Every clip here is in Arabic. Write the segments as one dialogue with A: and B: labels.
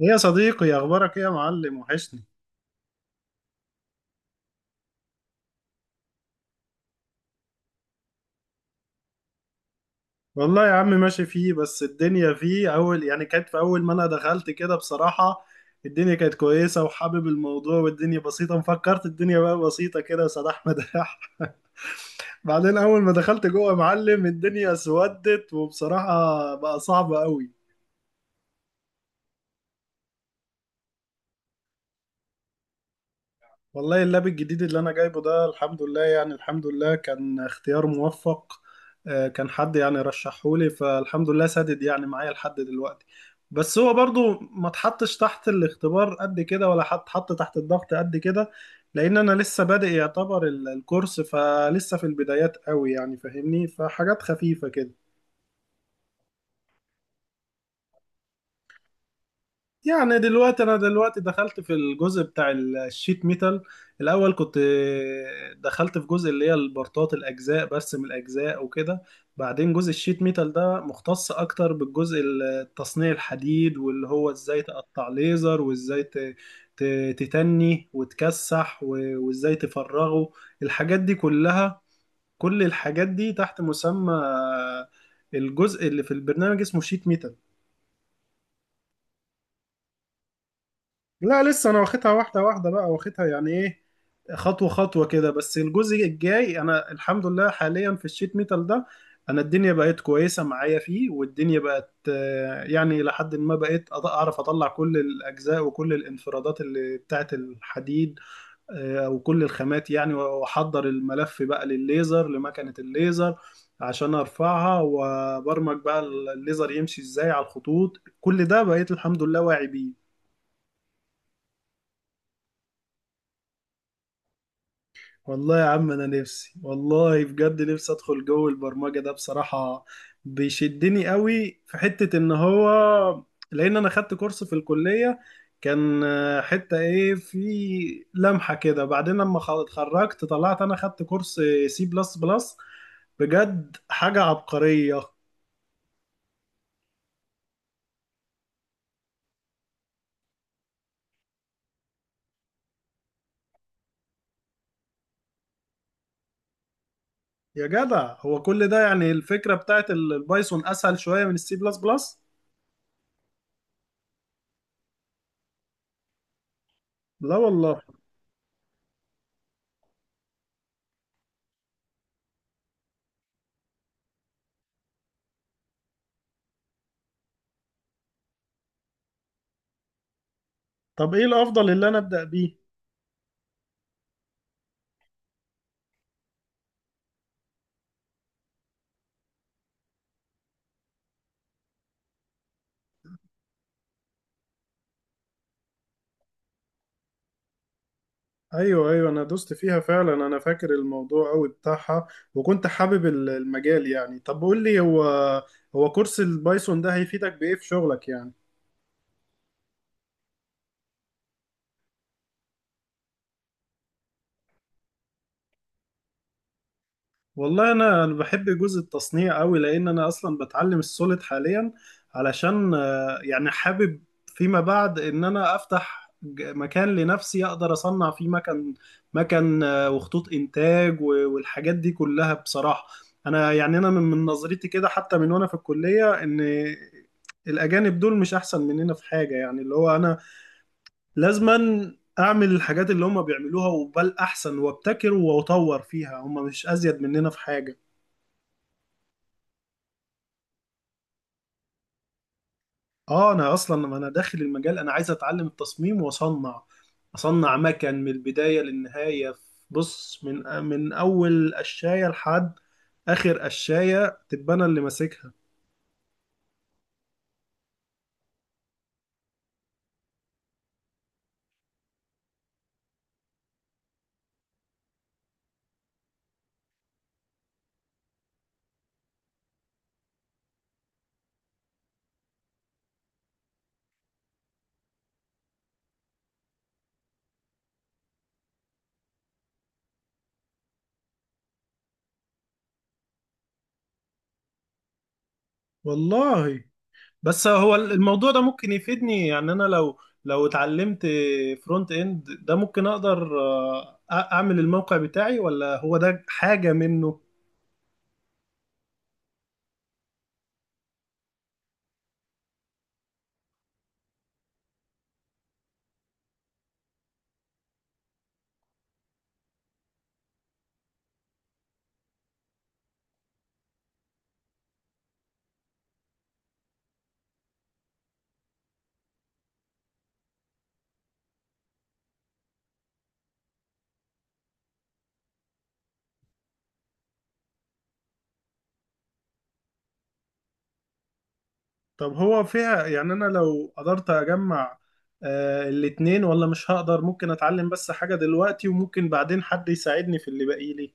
A: ايه يا صديقي، اخبارك ايه يا معلم؟ وحشني. والله يا عم ماشي فيه، بس الدنيا فيه اول، يعني كانت في اول ما انا دخلت كده بصراحة. الدنيا كانت كويسة وحابب الموضوع والدنيا بسيطة، مفكرت الدنيا بقى بسيطة كده سداح مداح. بعدين اول ما دخلت جوه يا معلم الدنيا اسودت، وبصراحة بقى صعب قوي. والله اللاب الجديد اللي انا جايبه ده الحمد لله، يعني الحمد لله كان اختيار موفق. كان حد يعني رشحهولي، فالحمد لله سدد يعني معايا لحد دلوقتي. بس هو برضو ما اتحطش تحت الاختبار قد كده، ولا حط تحت الضغط قد كده. لان انا لسه بادئ يعتبر الكورس، فلسه في البدايات قوي، يعني فاهمني، فحاجات خفيفة كده. يعني دلوقتي، انا دلوقتي دخلت في الجزء بتاع الشيت ميتال. الاول كنت دخلت في جزء اللي هي البرطات، الاجزاء، برسم الاجزاء وكده. بعدين جزء الشيت ميتال ده مختص اكتر بالجزء التصنيع الحديد، واللي هو ازاي تقطع ليزر، وازاي تتني وتكسح، وازاي تفرغه. الحاجات دي كلها، كل الحاجات دي تحت مسمى الجزء اللي في البرنامج اسمه شيت ميتال. لا لسه انا واخدها واحده واحده بقى، واخدها يعني ايه، خطوه خطوه كده. بس الجزء الجاي انا الحمد لله حاليا في الشيت ميتال ده، انا الدنيا بقت كويسه معايا فيه، والدنيا بقت يعني لحد ما بقيت اعرف اطلع كل الاجزاء وكل الانفرادات اللي بتاعت الحديد، او كل الخامات، يعني واحضر الملف بقى للليزر، لمكنه الليزر، عشان ارفعها وبرمج بقى الليزر يمشي ازاي على الخطوط. كل ده بقيت الحمد لله واعي بيه. والله يا عم انا نفسي، والله بجد نفسي ادخل جو البرمجه ده بصراحه. بيشدني قوي في حته ان هو، لان انا خدت كورس في الكليه، كان حته ايه، في لمحه كده. بعدين لما اتخرجت طلعت، انا خدت كورس سي بلس بلس، بجد حاجه عبقريه. يا جدع هو كل ده، يعني الفكره بتاعت البايثون اسهل شويه من السي بلس بلس. لا والله. طب ايه الافضل اللي انا ابدا بيه؟ ايوه ايوه، انا دوست فيها فعلا، انا فاكر الموضوع قوي بتاعها، وكنت حابب المجال يعني. طب قول لي، هو كورس البايثون ده هيفيدك بايه في شغلك يعني؟ والله انا بحب جزء التصنيع قوي، لان انا اصلا بتعلم السوليد حاليا علشان يعني حابب فيما بعد ان انا افتح مكان لنفسي اقدر اصنع فيه مكن، مكن وخطوط انتاج والحاجات دي كلها بصراحة. انا يعني انا من نظرتي كده، حتى من وانا في الكلية، ان الاجانب دول مش احسن مننا في حاجة، يعني اللي هو انا لازما اعمل الحاجات اللي هم بيعملوها وبل احسن، وابتكر واطور فيها، هم مش ازيد مننا في حاجة. اه انا اصلا ما انا داخل المجال، انا عايز اتعلم التصميم واصنع، اصنع مكن من البدايه للنهايه. بص، من اول قشايه لحد اخر قشايه تبقى انا اللي ماسكها. والله بس هو الموضوع ده ممكن يفيدني يعني، انا لو اتعلمت فرونت اند ده ممكن اقدر اعمل الموقع بتاعي، ولا هو ده حاجه منه؟ طب هو فيها، يعني انا لو قدرت اجمع الاتنين، ولا مش هقدر؟ ممكن اتعلم بس حاجة دلوقتي، وممكن بعدين حد يساعدني في اللي باقي لي.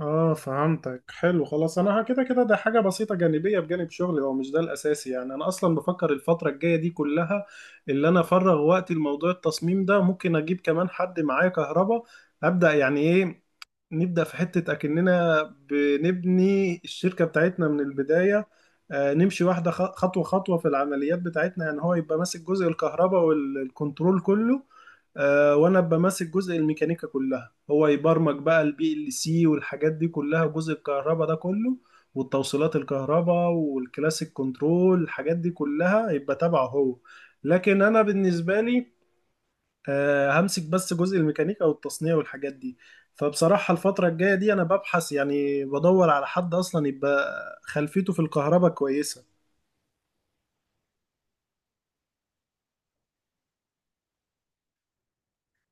A: اه فهمتك، حلو. خلاص، انا كده كده ده حاجة بسيطة جانبية بجانب شغلي، هو مش ده الاساسي يعني. انا اصلا بفكر الفترة الجاية دي كلها اللي انا افرغ وقتي لموضوع التصميم ده، ممكن اجيب كمان حد معايا كهربا، ابدا يعني ايه، نبدأ في حتة أكننا بنبني الشركة بتاعتنا من البداية. نمشي واحدة خطوة خطوة في العمليات بتاعتنا، يعني هو يبقى ماسك جزء الكهرباء والكنترول كله، وأنا أبقى ماسك جزء الميكانيكا كلها. هو يبرمج بقى البي ال سي والحاجات دي كلها، جزء الكهرباء ده كله، والتوصيلات الكهرباء والكلاسيك كنترول، الحاجات دي كلها يبقى تبعه هو. لكن أنا بالنسبة لي همسك بس جزء الميكانيكا والتصنيع والحاجات دي. فبصراحة الفترة الجاية دي أنا ببحث، يعني بدور على حد أصلا يبقى خلفيته في الكهرباء كويسة.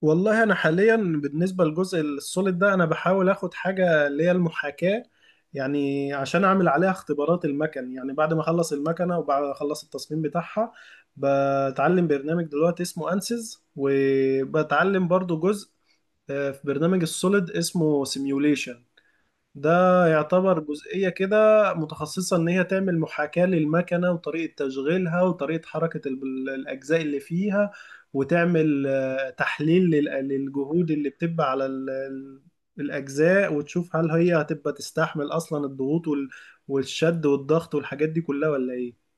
A: والله أنا حاليا بالنسبة للجزء السوليد ده أنا بحاول أخد حاجة اللي هي المحاكاة، يعني عشان أعمل عليها اختبارات المكن، يعني بعد ما أخلص المكنة وبعد ما أخلص التصميم بتاعها. بتعلم برنامج دلوقتي اسمه أنسيز، وبتعلم برضو جزء في برنامج السوليد اسمه سيميوليشن. ده يعتبر جزئية كده متخصصة إن هي تعمل محاكاة للمكنة، وطريقة تشغيلها، وطريقة حركة الأجزاء اللي فيها، وتعمل تحليل للجهود اللي بتبقى على الأجزاء، وتشوف هل هي هتبقى تستحمل أصلا الضغوط والشد والضغط والحاجات دي كلها ولا إيه.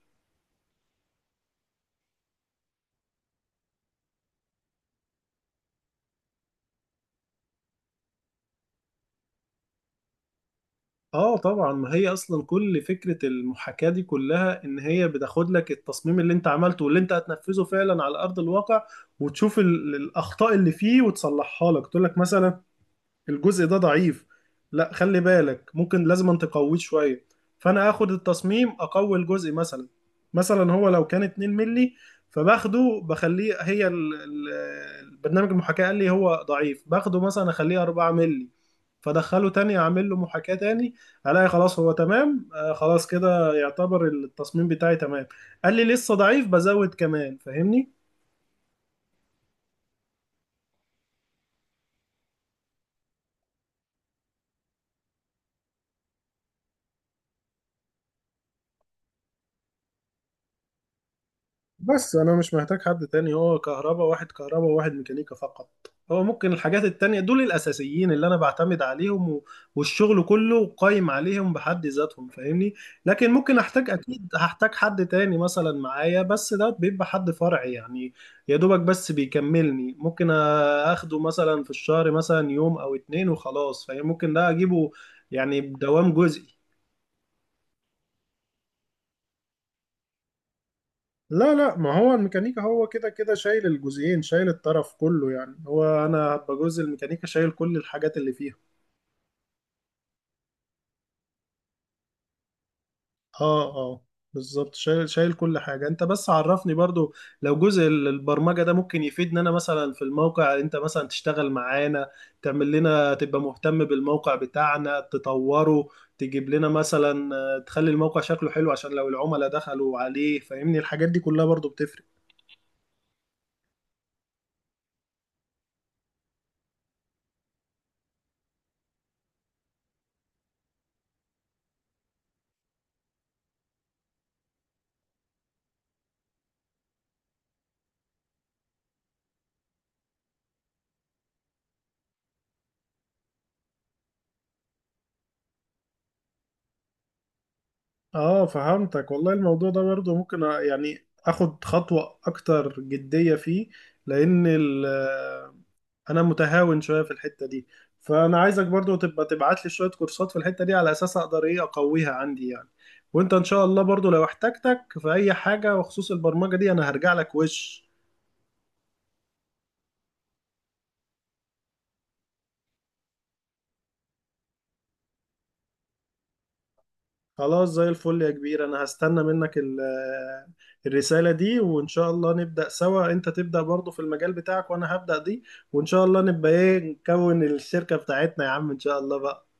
A: اه طبعا، ما هي اصلا كل فكرة المحاكاة دي كلها ان هي بتاخد لك التصميم اللي انت عملته واللي انت هتنفذه فعلا على ارض الواقع، وتشوف الاخطاء اللي فيه وتصلحها لك، تقول لك مثلا الجزء ده ضعيف، لا خلي بالك، ممكن لازم أن تقويه شويه. فانا اخد التصميم اقوي الجزء مثلا هو لو كان 2 ملي، فباخده بخليه، هي البرنامج المحاكاة قال لي هو ضعيف، باخده مثلا اخليه 4 ملي، فدخله تاني اعمل له محاكاة تاني. الاقي خلاص هو تمام، خلاص كده يعتبر التصميم بتاعي تمام. قال لي لسه ضعيف، بزود كمان، فاهمني. بس انا مش محتاج حد تاني، هو كهرباء، واحد كهرباء وواحد ميكانيكا فقط، هو ممكن الحاجات التانية، دول الاساسيين اللي انا بعتمد عليهم والشغل كله قايم عليهم بحد ذاتهم فاهمني. لكن ممكن احتاج، اكيد هحتاج حد تاني مثلا معايا، بس ده بيبقى حد فرعي يعني، يا دوبك بس بيكملني، ممكن اخده مثلا في الشهر مثلا يوم او اتنين وخلاص، فممكن ده اجيبه يعني بدوام جزئي. لا لا، ما هو الميكانيكا هو كده كده شايل الجزئين، شايل الطرف كله يعني، هو انا هبقى جزء الميكانيكا شايل كل الحاجات اللي فيها. اه اه، بالظبط، شايل شايل كل حاجة. انت بس عرفني برضو، لو جزء البرمجة ده ممكن يفيدنا، انا مثلا في الموقع، انت مثلا تشتغل معانا، تعمل لنا، تبقى مهتم بالموقع بتاعنا تطوره، تجيب لنا مثلا تخلي الموقع شكله حلو، عشان لو العملاء دخلوا عليه فاهمني الحاجات دي كلها برضو بتفرق. اه فهمتك. والله الموضوع ده برضه ممكن يعني اخد خطوة اكتر جدية فيه، لان انا متهاون شوية في الحتة دي، فانا عايزك برضه تبقى تبعت لي شوية كورسات في الحتة دي على اساس اقدر ايه اقويها عندي يعني. وانت ان شاء الله برضه لو احتجتك في اي حاجة بخصوص البرمجة دي انا هرجع لك وش. خلاص زي الفل يا كبير، انا هستنى منك الرسالة دي، وان شاء الله نبدأ سوا، انت تبدأ برضو في المجال بتاعك وانا هبدأ دي، وان شاء الله نبقى ايه، نكون الشركة بتاعتنا يا عم ان شاء الله بقى.